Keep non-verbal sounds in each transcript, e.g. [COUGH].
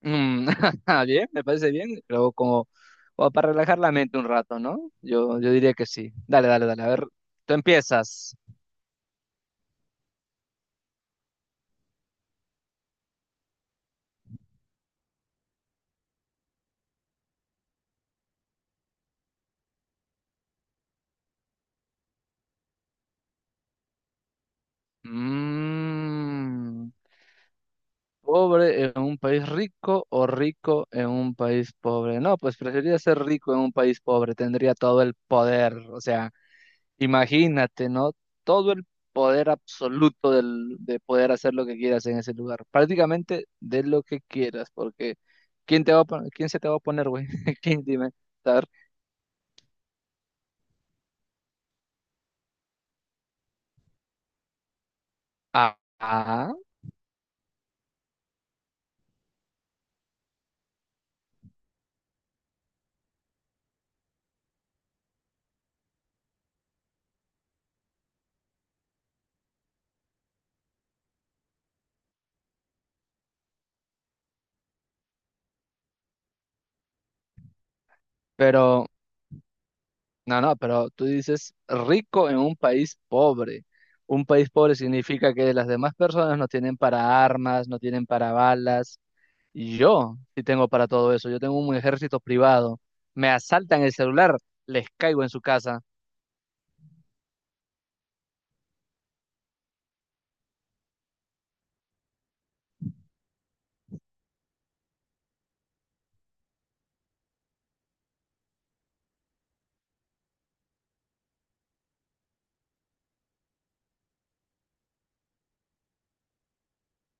Mm, [LAUGHS] bien, me parece bien, pero como, como para relajar la mente un rato, ¿no? Yo diría que sí. Dale, dale, dale. A ver, tú empiezas. Mm, ¿Pobre en un país rico o rico en un país pobre? No, pues preferiría ser rico en un país pobre, tendría todo el poder, o sea. Imagínate, ¿no? Todo el poder absoluto del, de poder hacer lo que quieras en ese lugar. Prácticamente de lo que quieras, porque ¿quién te va a quién se te va a poner, güey? [LAUGHS] ¿Quién dime? A ver. Ah, ah, pero, no, no, pero tú dices rico en un país pobre. Un país pobre significa que las demás personas no tienen para armas, no tienen para balas. Y yo sí tengo para todo eso. Yo tengo un ejército privado. Me asaltan el celular, les caigo en su casa.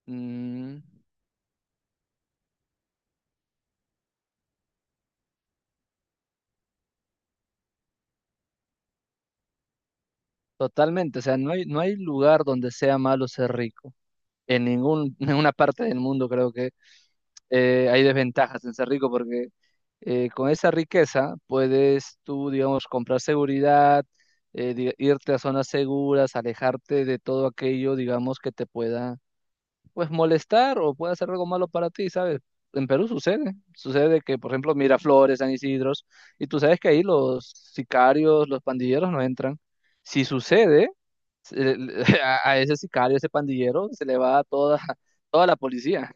Mm, totalmente, o sea, no hay lugar donde sea malo ser rico. En ningún, [LAUGHS] ninguna parte del mundo creo que hay desventajas en ser rico porque con esa riqueza puedes tú, digamos, comprar seguridad, irte a zonas seguras, alejarte de todo aquello, digamos, que te pueda, pues, molestar o pueda hacer algo malo para ti, ¿sabes? En Perú sucede, sucede que, por ejemplo, Miraflores, San Isidros, y tú sabes que ahí los sicarios, los pandilleros no entran. Si sucede, se- [LAUGHS] a ese sicario, ese pandillero, se le va toda, toda la policía.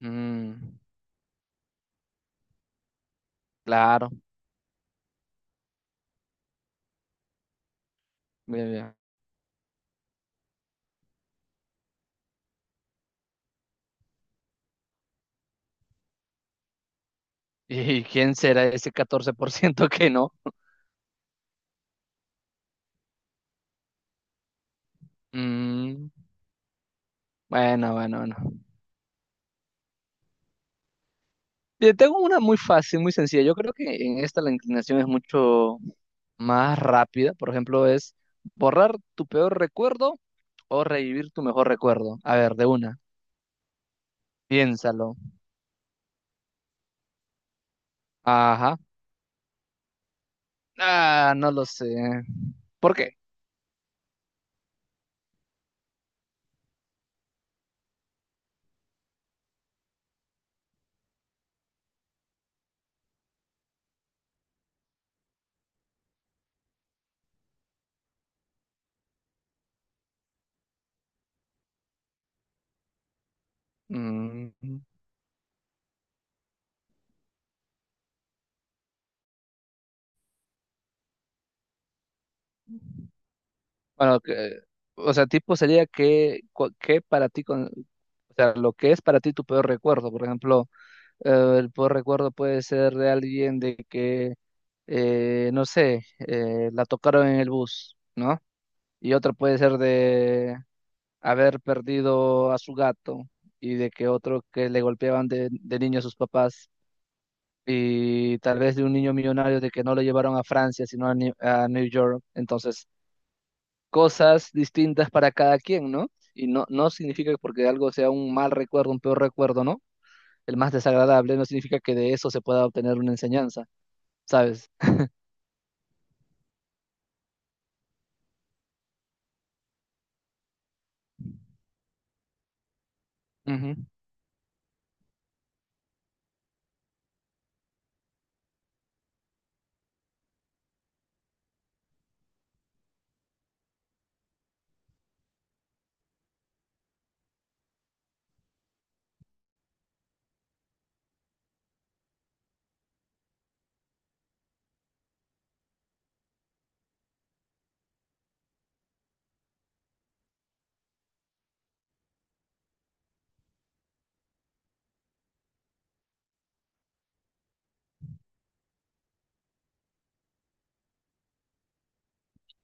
Mm, claro. Bien, bien. ¿Y quién será ese 14% que no? Mm, bueno, bueno, bueno. Yo tengo una muy fácil, muy sencilla. Yo creo que en esta la inclinación es mucho más rápida. Por ejemplo, es borrar tu peor recuerdo o revivir tu mejor recuerdo. A ver, de una. Piénsalo. Ajá. Ah, no lo sé. ¿Por qué? Mm. Bueno, que, o sea, tipo sería que, que para ti, con, o sea, lo que es para ti tu peor recuerdo. Por ejemplo, el peor recuerdo puede ser de alguien de que, no sé, la tocaron en el bus, ¿no? Y otro puede ser de haber perdido a su gato y de que otro que le golpeaban de niño a sus papás. Y tal vez de un niño millonario de que no lo llevaron a Francia, sino a a New York. Entonces, cosas distintas para cada quien, ¿no? Y no, no significa que porque algo sea un mal recuerdo, un peor recuerdo, ¿no? El más desagradable no significa que de eso se pueda obtener una enseñanza, ¿sabes? Ujú,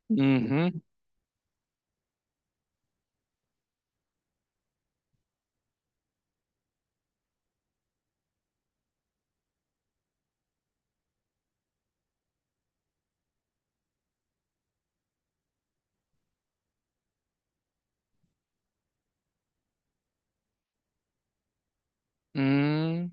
ujú, mm,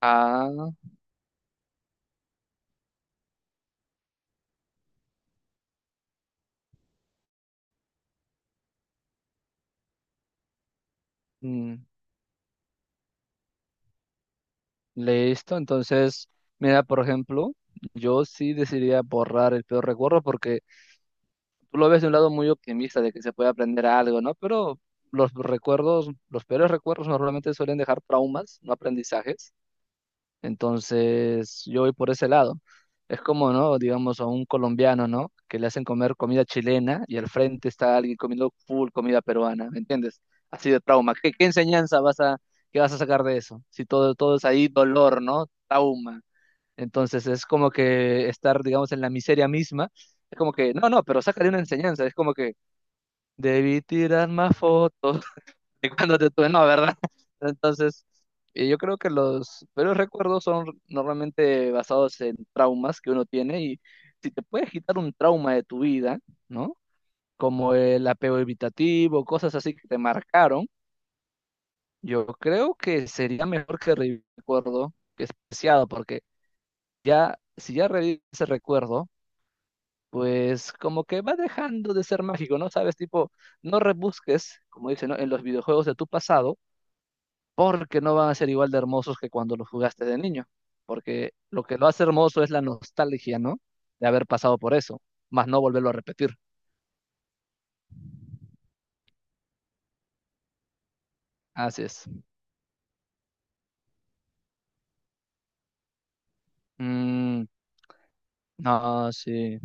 ah, mm, listo. Entonces, mira, por ejemplo, yo sí decidiría borrar el peor recuerdo porque tú lo ves de un lado muy optimista de que se puede aprender algo, ¿no? Pero los recuerdos, los peores recuerdos normalmente suelen dejar traumas, no aprendizajes. Entonces, yo voy por ese lado. Es como, ¿no? Digamos, a un colombiano, ¿no? Que le hacen comer comida chilena y al frente está alguien comiendo full comida peruana, ¿me entiendes? Así de trauma. ¿Qué, qué enseñanza vas a, qué vas a sacar de eso? Si todo, todo es ahí dolor, ¿no? Trauma. Entonces, es como que estar, digamos, en la miseria misma. Es como que, no, no, pero sácale una enseñanza. Es como que debí tirar más fotos. [LAUGHS] de cuando te tuve, no, ¿verdad? [LAUGHS] Entonces, yo creo que los peores recuerdos son normalmente basados en traumas que uno tiene y si te puedes quitar un trauma de tu vida, ¿no? Como el apego evitativo, cosas así que te marcaron, yo creo que sería mejor que revivir el recuerdo que es preciado, porque si ya revives ese recuerdo, pues como que va dejando de ser mágico, ¿no? Sabes, tipo, no rebusques, como dicen, ¿no? en los videojuegos de tu pasado porque no van a ser igual de hermosos que cuando los jugaste de niño, porque lo que lo hace hermoso es la nostalgia, ¿no? De haber pasado por eso, más no volverlo a repetir. Así es. Mm, no, sí,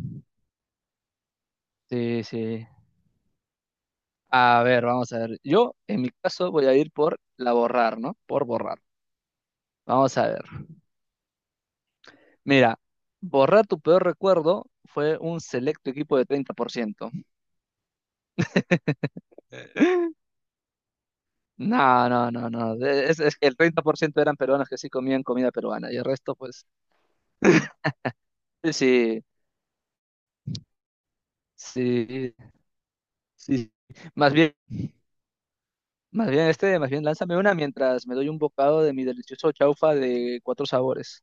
sí, sí. A ver, vamos a ver. Yo, en mi caso, voy a ir por la borrar, ¿no? Por borrar. Vamos a ver. Mira, borrar tu peor recuerdo fue un selecto equipo de 30%. No, no, no, no. Es que el 30% eran peruanos que sí comían comida peruana y el resto, pues, sí, sí, sí. Más bien, más bien lánzame una mientras me doy un bocado de mi delicioso chaufa de cuatro sabores.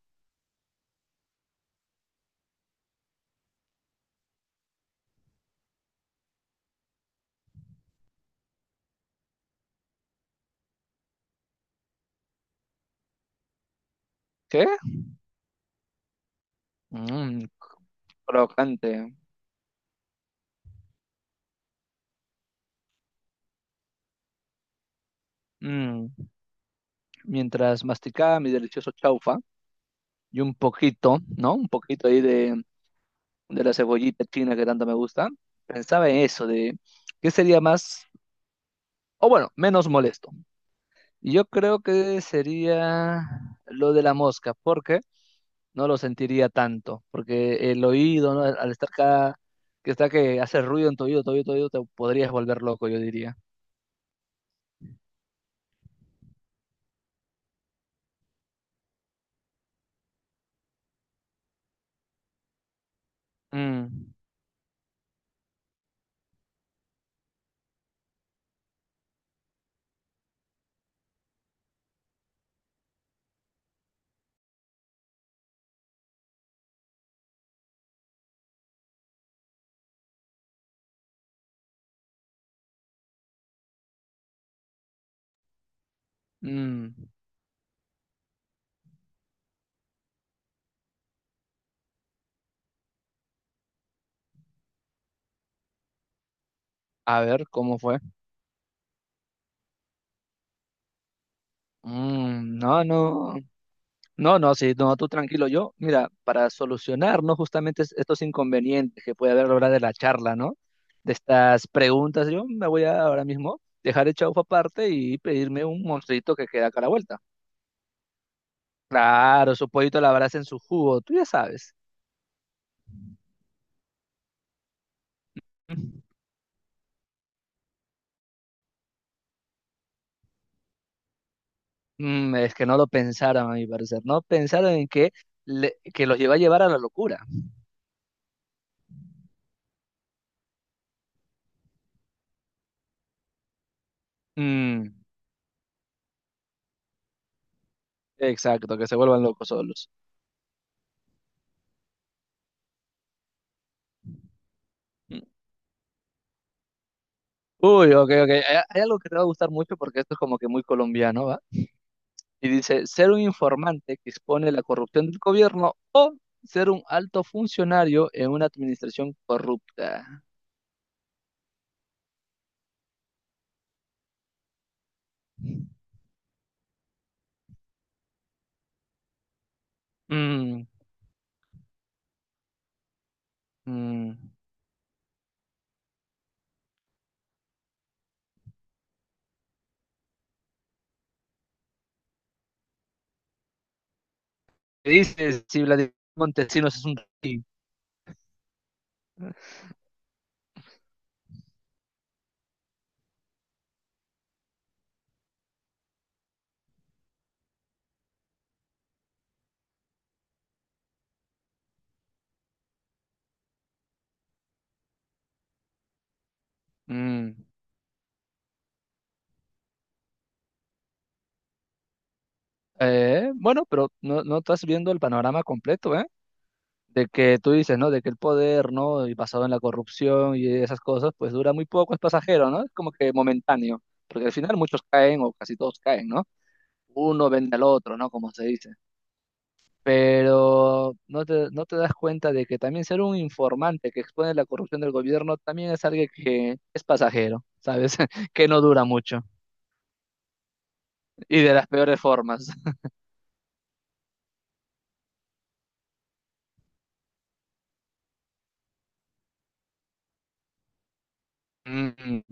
¿Qué? Mmm, crocante. Mm, mientras masticaba mi delicioso chaufa y un poquito, ¿no? Un poquito ahí de la cebollita china que tanto me gusta, pensaba en eso, de qué sería más, o bueno, menos molesto. Y yo creo que sería lo de la mosca, porque no lo sentiría tanto, porque el oído, ¿no? Al estar cada, que está que hace ruido en tu oído, te podrías volver loco, yo diría. Mm, mm. A ver, ¿cómo fue? No, no, no, no, sí, no, tú tranquilo. Yo, mira, para solucionar, ¿no? Justamente estos inconvenientes que puede haber a la hora de la charla, ¿no? De estas preguntas, yo me voy a ahora mismo dejar el chaufa aparte y pedirme un monstruito que queda acá a la vuelta. Claro, su pollito a la brasa en su jugo, tú ya sabes. [LAUGHS] Es que no lo pensaron, a mi parecer. No pensaron en que, que los iba a llevar a la locura. Mm, exacto, que se vuelvan locos solos. Mm. Uy, ok, ok. Hay algo que te va a gustar mucho porque esto es como que muy colombiano, ¿va? Y dice, ser un informante que expone la corrupción del gobierno o ser un alto funcionario en una administración corrupta. Mm, mm. ¿Qué dices si Vladimir Montesinos es un... rey? Mm. Bueno, pero no, no estás viendo el panorama completo, ¿eh? De que tú dices, ¿no? De que el poder, ¿no? Y basado en la corrupción y esas cosas, pues dura muy poco, es pasajero, ¿no? Es como que momentáneo, porque al final muchos caen o casi todos caen, ¿no? Uno vende al otro, ¿no? Como se dice. Pero no te das cuenta de que también ser un informante que expone la corrupción del gobierno también es alguien que es pasajero, ¿sabes? [LAUGHS] Que no dura mucho y de las peores formas. [LAUGHS] Mm,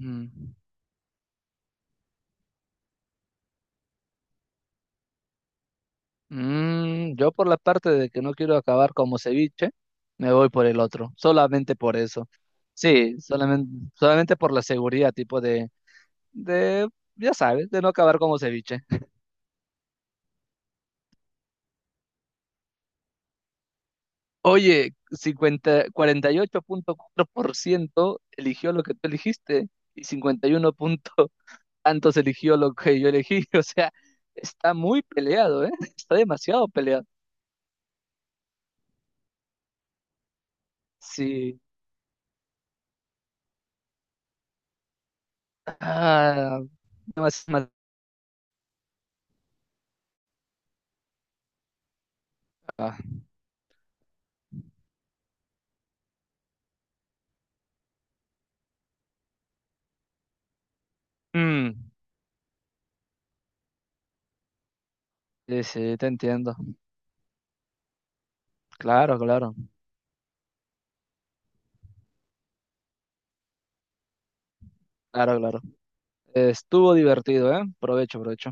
mm. Yo por la parte de que no quiero acabar como ceviche, me voy por el otro, solamente por eso. Sí, solamente, solamente por la seguridad, tipo de, ya sabes, de no acabar como ceviche. Oye, 50, 48.4% eligió lo que tú elegiste y 51 [LAUGHS] tantos eligió lo que yo elegí. [LAUGHS] O sea, está muy peleado, ¿eh? Está demasiado peleado. Sí. Ah, demasiado. Ah. Mm. Sí, sí, te entiendo. Claro, claro, claro, claro. Estuvo divertido, ¿eh? Provecho, provecho.